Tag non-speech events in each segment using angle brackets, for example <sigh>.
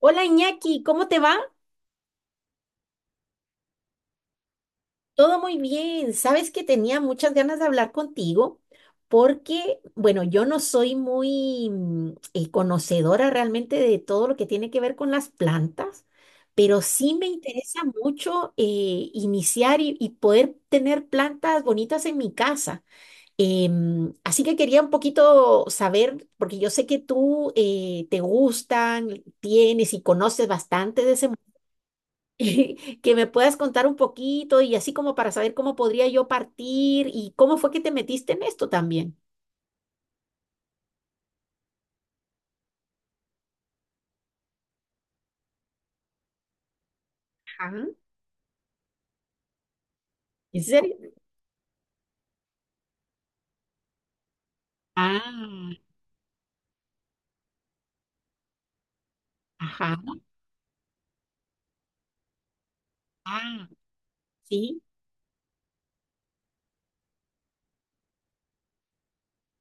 Hola Iñaki, ¿cómo te va? Todo muy bien. Sabes que tenía muchas ganas de hablar contigo porque, bueno, yo no soy muy conocedora realmente de todo lo que tiene que ver con las plantas, pero sí me interesa mucho iniciar y poder tener plantas bonitas en mi casa. Así que quería un poquito saber, porque yo sé que tú te gustan, tienes y conoces bastante de ese <laughs> que me puedas contar un poquito y así como para saber cómo podría yo partir y cómo fue que te metiste en esto también. Ajá. ¿En serio? Ah, ajá, ah, sí,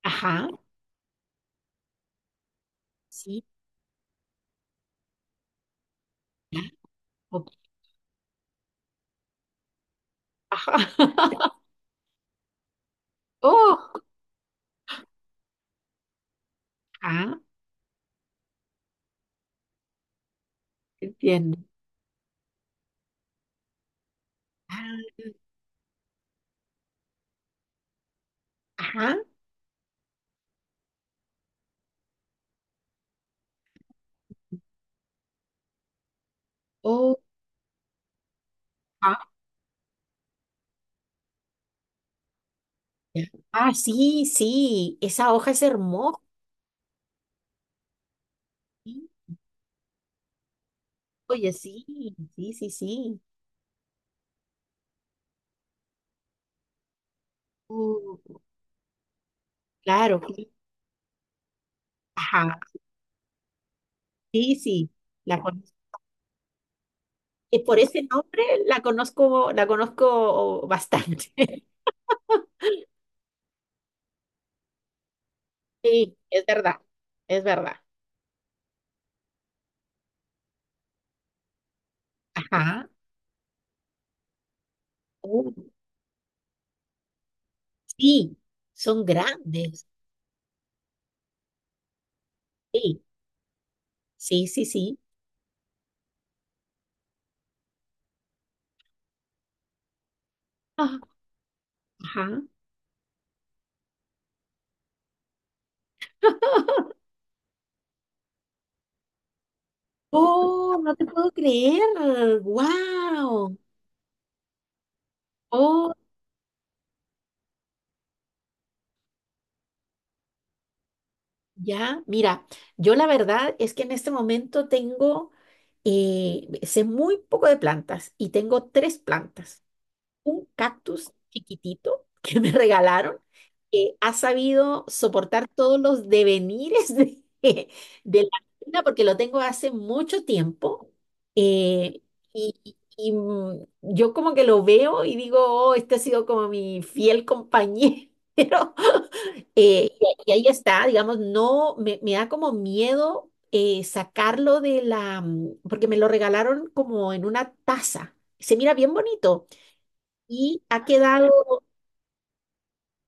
ajá, sí, ya, ok, ajá. <laughs> Oh, ah, entiendo. Ah, ajá, oh, ah, ya. Ah, sí, sí, esa hoja es hermosa. Sí, oye, sí, sí, sí, sí. Uh, claro, sí, ajá, sí, sí, la conozco. Y por ese nombre la conozco bastante. <laughs> Sí, es verdad, es verdad. Ajá. Uh, sí, son grandes. Sí, sí, sí, sí. Ah, ajá. Oh, no te puedo creer. Wow. Oh, ya. Mira, yo la verdad es que en este momento tengo, sé muy poco de plantas y tengo tres plantas. Un cactus chiquitito que me <laughs> regalaron que ha sabido soportar todos los devenires de, <laughs> de la vida porque lo tengo hace mucho tiempo. eh, yo como que lo veo y digo, "Oh, este ha sido como mi fiel compañero". <laughs> Eh, y ahí está, digamos, no, me da como miedo sacarlo de la, porque me lo regalaron como en una taza. Se mira bien bonito y ha quedado,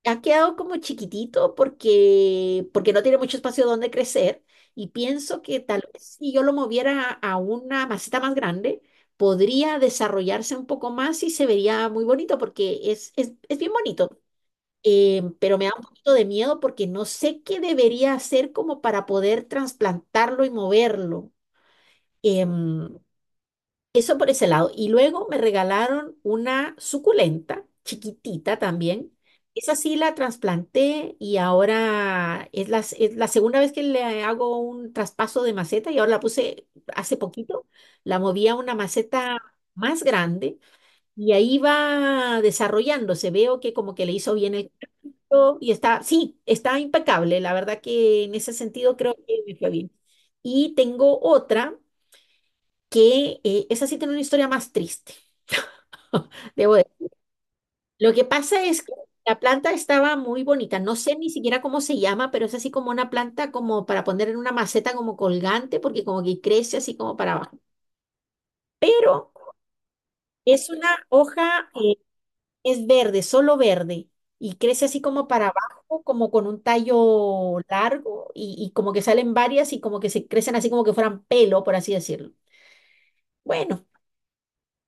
ha quedado como chiquitito porque, porque no tiene mucho espacio donde crecer. Y pienso que tal vez si yo lo moviera a una maceta más grande, podría desarrollarse un poco más y se vería muy bonito porque es bien bonito. Pero me da un poquito de miedo porque no sé qué debería hacer como para poder trasplantarlo y moverlo. Em, Eso por ese lado. Y luego me regalaron una suculenta, chiquitita también. Esa sí la trasplanté y ahora es la segunda vez que le hago un traspaso de maceta y ahora la puse hace poquito. La moví a una maceta más grande y ahí va desarrollándose. Veo que como que le hizo bien el cuidado y está, sí, está impecable. La verdad que en ese sentido creo que me fue bien. Y tengo otra que esa sí tiene una historia más triste. <laughs> Debo de- Lo que pasa es que la planta estaba muy bonita. No sé ni siquiera cómo se llama, pero es así como una planta como para poner en una maceta como colgante, porque como que crece así como para abajo. Pero es una hoja, es verde, solo verde, y crece así como para abajo, como con un tallo largo, y como que salen varias y como que se crecen así como que fueran pelo, por así decirlo. Bueno.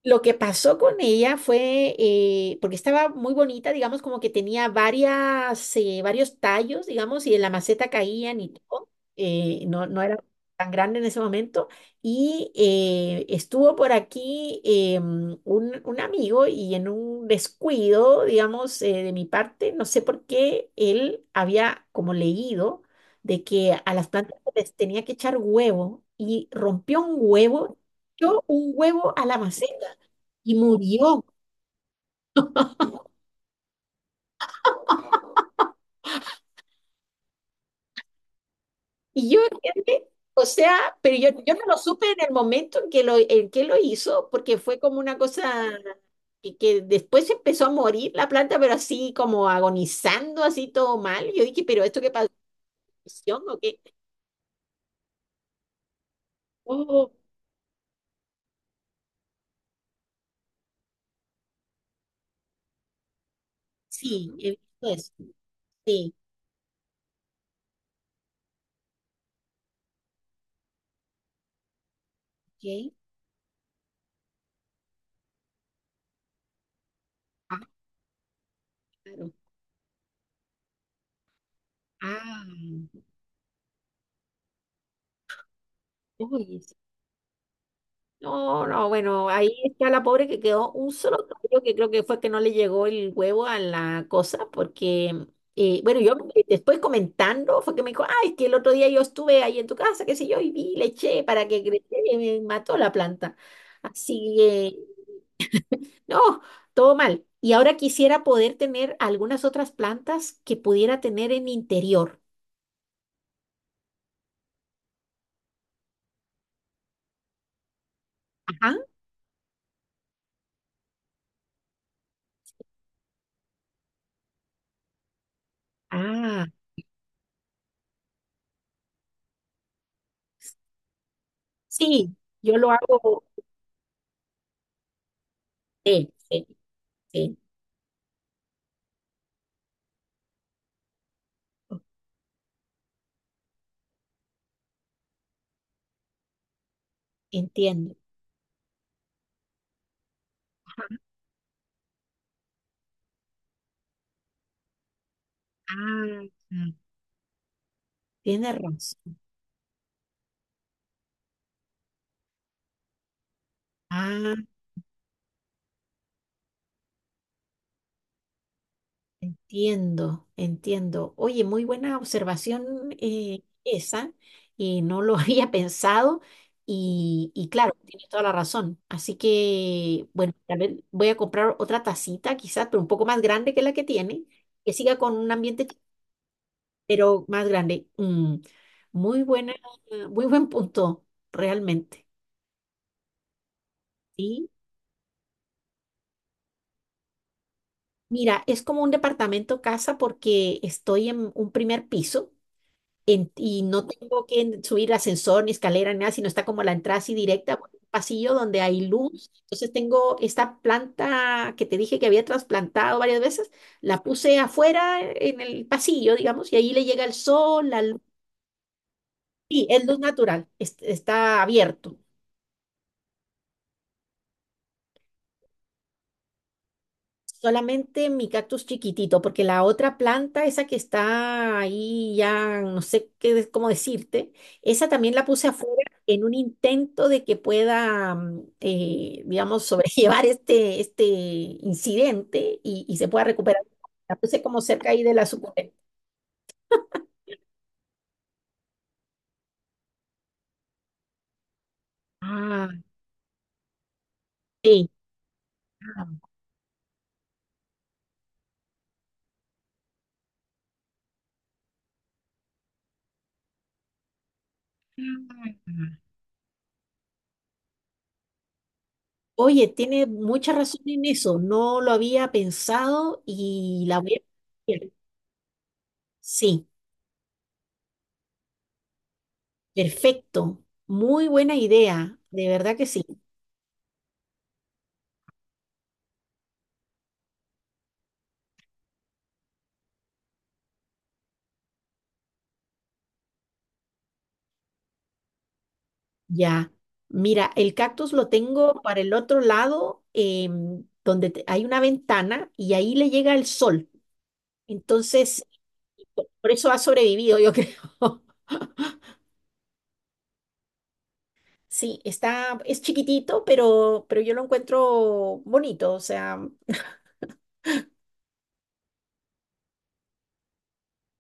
Lo que pasó con ella fue, porque estaba muy bonita, digamos, como que tenía varios tallos, digamos, y en la maceta caían y todo. No era tan grande en ese momento. Y estuvo por aquí un amigo y en un descuido, digamos, de mi parte, no sé por qué él había como leído de que a las plantas les tenía que echar huevo y rompió un huevo. Yo un huevo a la maceta y murió. Y yo, ¿entiendes? O sea, pero yo no lo supe en el momento en que lo hizo, porque fue como una cosa que después empezó a morir la planta, pero así como agonizando, así todo mal. Yo dije, pero esto qué pasó. ¿Infección o qué? Oh, sí, he visto eso. Sí, ok. Ah, claro. Ah, uy, no, no, bueno, ahí está la pobre que quedó un solo cabello que creo que fue que no le llegó el huevo a la cosa, porque, bueno, yo después comentando fue que me dijo, ay, es que el otro día yo estuve ahí en tu casa, qué sé yo, y vi, le eché para que creciera y me mató la planta. Así que, no, todo mal. Y ahora quisiera poder tener algunas otras plantas que pudiera tener en interior. Ajá. Ah, sí, yo lo hago. Sí, sí, sí, entiendo. Ah, tiene razón. Ah, entiendo, entiendo. Oye, muy buena observación esa, y no lo <laughs> había pensado, y claro, tienes toda la razón. Así que, bueno, tal vez voy a comprar otra tacita, quizás, pero un poco más grande que la que tiene, que siga con un ambiente, pero más grande. Muy buena, muy buen punto, realmente. Sí. Mira, es como un departamento casa porque estoy en un primer piso y no tengo que subir ascensor ni escalera ni nada, sino está como la entrada así directa, por un pasillo donde hay luz. Entonces tengo esta planta que te dije que había trasplantado varias veces, la puse afuera en el pasillo, digamos, y ahí le llega el sol, la luz. Sí, es luz natural, está abierto. Solamente mi cactus chiquitito, porque la otra planta, esa que está ahí ya, no sé qué, cómo decirte, esa también la puse afuera en un intento de que pueda, digamos, <laughs> sobrellevar este incidente y se pueda recuperar. La puse como cerca ahí de la suculenta. Ah, sí. Ah. Oye, tiene mucha razón en eso, no lo había pensado y la voy a... Sí. Perfecto, muy buena idea, de verdad que sí. Ya, mira, el cactus lo tengo para el otro lado, donde hay una ventana y ahí le llega el sol. Entonces, por eso ha sobrevivido, yo creo. <laughs> Sí, está, es chiquitito, pero yo lo encuentro bonito, o sea,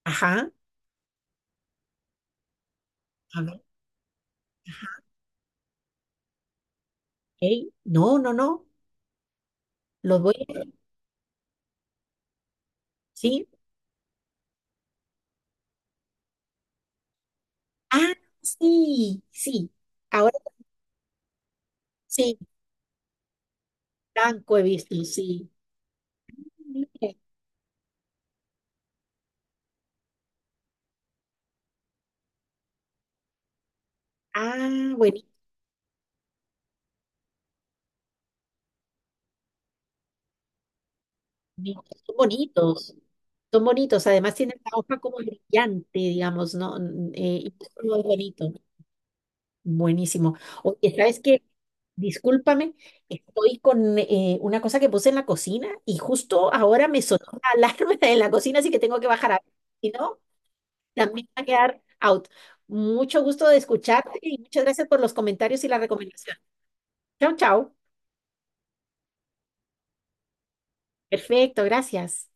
ajá, a ver, ey, no, no, no, los voy a, sí. Ah, sí, sí, ahora sí, blanco he visto, sí. Mire. Ah, buenísimo. Son bonitos. Son bonitos. Además tienen la hoja como brillante, digamos, ¿no? Y eso es muy bonito. Buenísimo. Oye, ¿sabes qué? Discúlpame, estoy con una cosa que puse en la cocina y justo ahora me sonó la alarma <laughs> en la cocina, así que tengo que bajar a ver. Si no, también va a quedar out. Mucho gusto de escucharte y muchas gracias por los comentarios y la recomendación. Chao, chao. Perfecto, gracias.